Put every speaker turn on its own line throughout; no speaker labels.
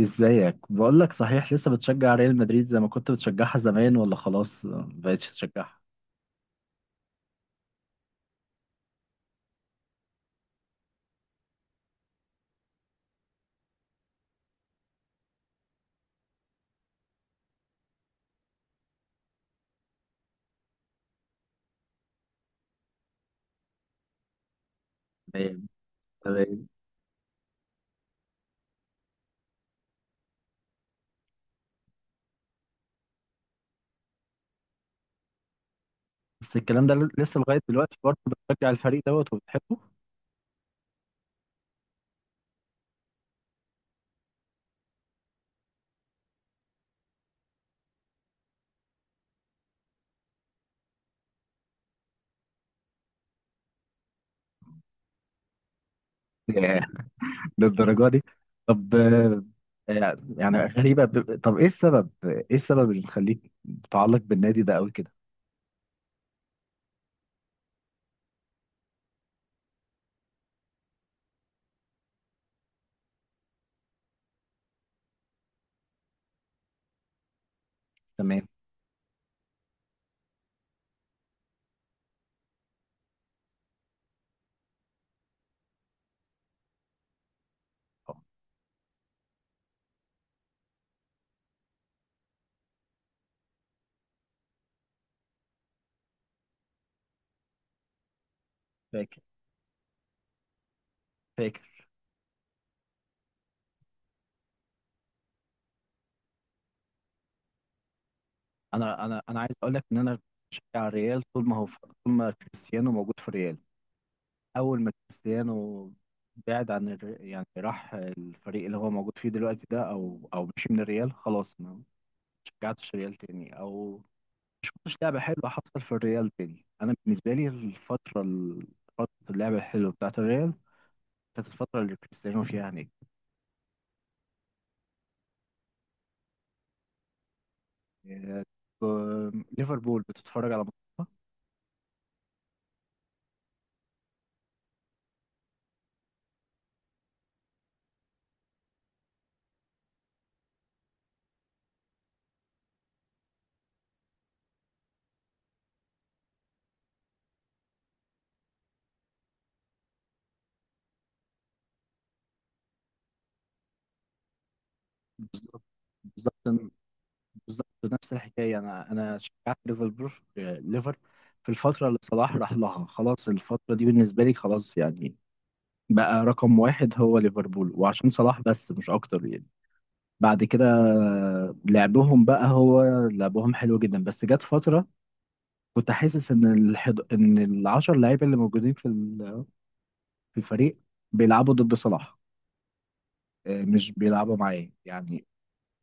ازيك؟ بقول لك، صحيح لسه بتشجع ريال مدريد زي ما كنت بتشجعها زمان، ولا خلاص ما بقتش تشجعها؟ تمام. تمام. بس الكلام ده لسه لغاية دلوقتي برضه بتشجع الفريق دوت وبتحبه؟ ياه. للدرجة دي؟ طب يعني غريبة، طب ايه السبب، ايه السبب اللي مخليك متعلق بالنادي ده قوي كده؟ تمام. اه. فاكر. فاكر. انا عايز اقول لك ان انا بشجع الريال طول ما هو، طول ما كريستيانو موجود في الريال. اول ما كريستيانو بعد عن يعني راح الفريق اللي هو موجود فيه دلوقتي ده، او مشي من الريال، خلاص ما شجعتش الريال تاني، او مش شفتش لعبه حلوه حصل في الريال تاني. انا بالنسبه لي فتره اللعبه الحلوه بتاعت الريال كانت الفتره اللي كريستيانو فيها نجم. إيه. ليفربول بتتفرج على ماتش. بالظبط. بالظبط. بالظبط. نفس الحكايه، انا شجعت ليفربول، ليفر في الفتره اللي صلاح راح لها. خلاص الفتره دي بالنسبه لي خلاص، يعني بقى رقم واحد هو ليفربول، وعشان صلاح بس مش اكتر يعني. بعد كده لعبهم بقى، هو لعبهم حلو جدا، بس جت فترة كنت حاسس ان ان العشر لعيبة اللي موجودين في الفريق بيلعبوا ضد صلاح، مش بيلعبوا معاه يعني.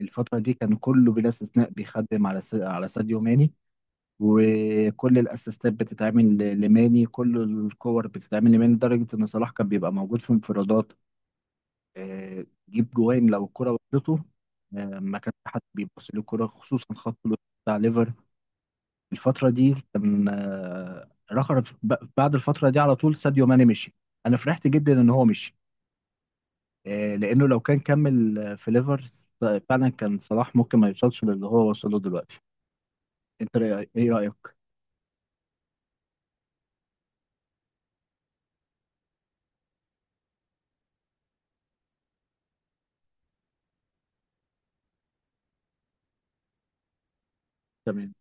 الفترة دي كان كله بلا استثناء بيخدم على ساديو ماني، وكل الاسيستات بتتعمل لماني، كل الكور بتتعمل لماني، لدرجة ان صلاح كان بيبقى موجود في انفرادات. جيب جوان لو الكرة وصلته. ما كانش حد بيبص للكرة، خصوصا خط الوسط بتاع ليفر. الفترة دي كان بعد الفترة دي على طول ساديو ماني مشي. أنا فرحت جدا إن هو مشي، لأنه لو كان كمل في ليفر فعلا كان صلاح ممكن ما يوصلش للي هو وصله دلوقتي. إيه رأيك؟ تمام.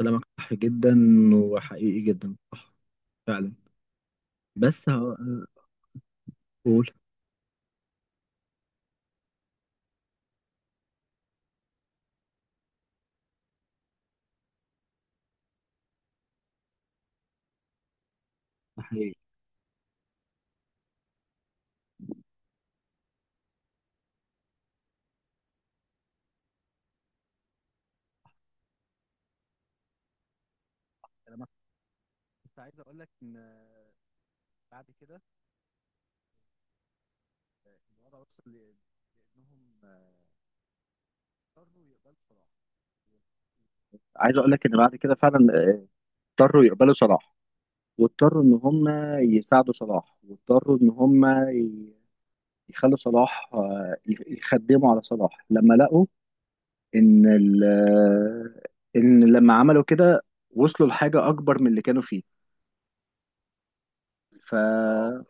كلامك صح جدا وحقيقي جدا، صح، فعلا. بس هقول. حقيقي. أنا كنت عايز اقول لك ان بعد كده الوضع وصل لانهم اضطروا يقبلوا صلاح. عايز اقول لك ان بعد كده فعلا اضطروا يقبلوا صلاح، واضطروا ان هم يساعدوا صلاح، واضطروا ان هم يخلوا صلاح يخدموا على صلاح لما لقوا ان ال- آه، ان لما عملوا كده وصلوا لحاجة اكبر من اللي كانوا فيه. ف اه،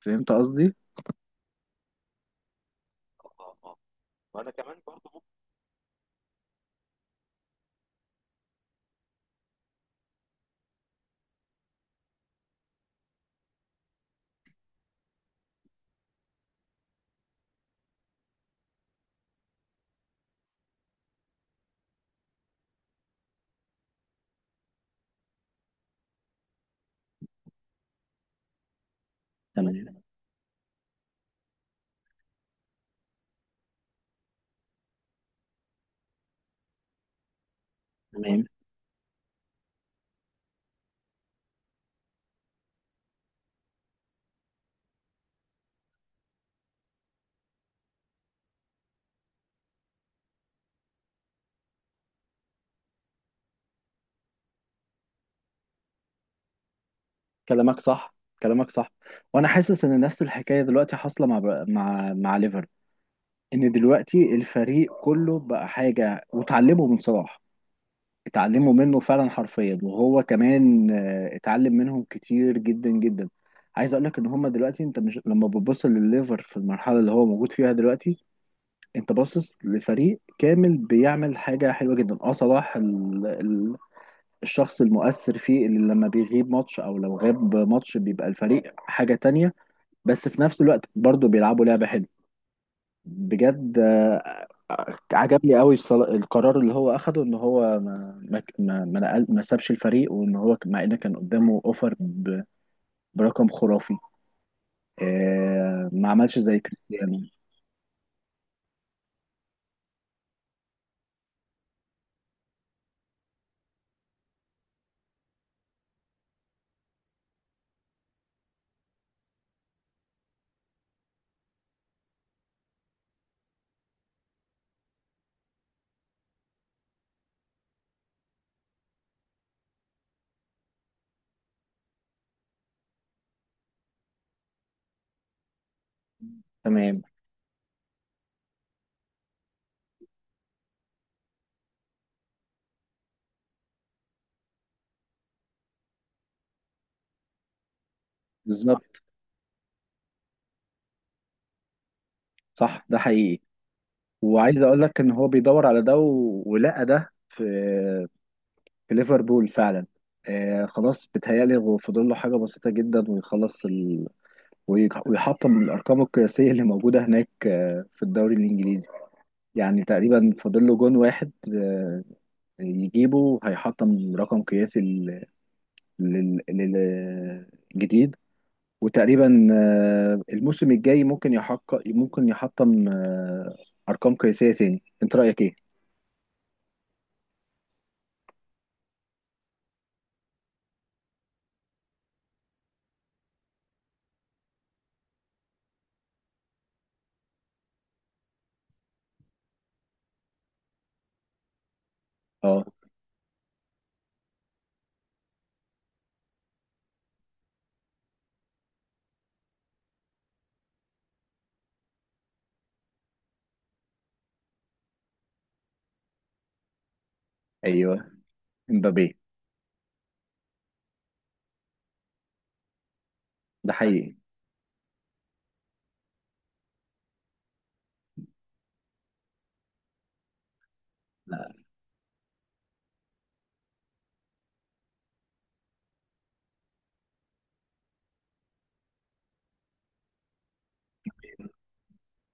فهمت قصدي. اه. اه. وانا كمان برضو. تمام. تمام. كلامك صح. كلامك صح. وانا حاسس ان نفس الحكايه دلوقتي حاصله مع ليفر، ان دلوقتي الفريق كله بقى حاجه، وتعلموا من صلاح. اتعلموا منه فعلا حرفيا، وهو كمان اتعلم منهم كتير جدا جدا. عايز اقول لك ان هما دلوقتي، انت مش لما بتبص لليفر في المرحله اللي هو موجود فيها دلوقتي، انت باصص لفريق كامل بيعمل حاجه حلوه جدا. اه صلاح الشخص المؤثر فيه، اللي لما بيغيب ماتش او لو غاب ماتش بيبقى الفريق حاجه تانية. بس في نفس الوقت برضو بيلعبوا لعبة حلوة بجد. عجبني قوي القرار اللي هو اخده، ان هو ما سابش الفريق، وان هو مع ان كان قدامه اوفر برقم خرافي، ما عملش زي كريستيانو. تمام. بالظبط. صح، ده حقيقي. وعايز اقول لك ان هو بيدور على ده ولقى ده في في ليفربول فعلا. خلاص بيتهيألي هو فاضل له حاجة بسيطة جدا ويخلص، ويحطم الارقام القياسيه اللي موجوده هناك في الدوري الانجليزي. يعني تقريبا فاضل له جون واحد، يجيبه هيحطم رقم قياسي للجديد. وتقريبا الموسم الجاي ممكن يحقق، ممكن يحطم ارقام قياسيه تاني. انت رايك ايه؟ اه. ايوه. امبابي. ده حقيقي.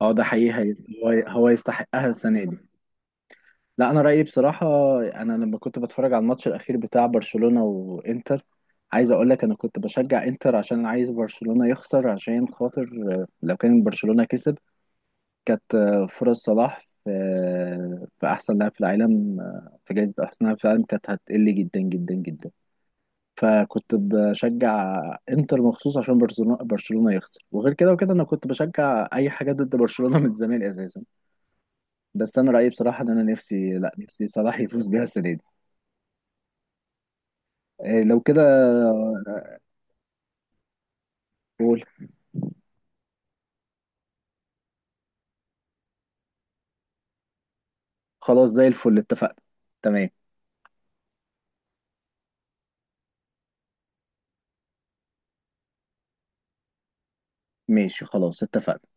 اه، ده حقيقي. هو هو يستحقها السنه دي. لا، انا رايي بصراحه، انا لما كنت بتفرج على الماتش الاخير بتاع برشلونه وانتر، عايز اقول لك انا كنت بشجع انتر عشان عايز برشلونه يخسر، عشان خاطر لو كان برشلونه كسب كانت فرص صلاح في في احسن لاعب في العالم في جائزه احسن لاعب في العالم كانت هتقل جدا جدا جدا. فكنت بشجع انتر مخصوص عشان برشلونه يخسر. وغير كده وكده انا كنت بشجع اي حاجه ضد برشلونه من زمان اساسا. بس انا رايي بصراحه ان انا نفسي، لا، نفسي صلاح يفوز بيها السنه دي. إيه، لو كده. قول. خلاص زي الفل، اتفقنا. تمام. ماشي خلاص، اتفقنا.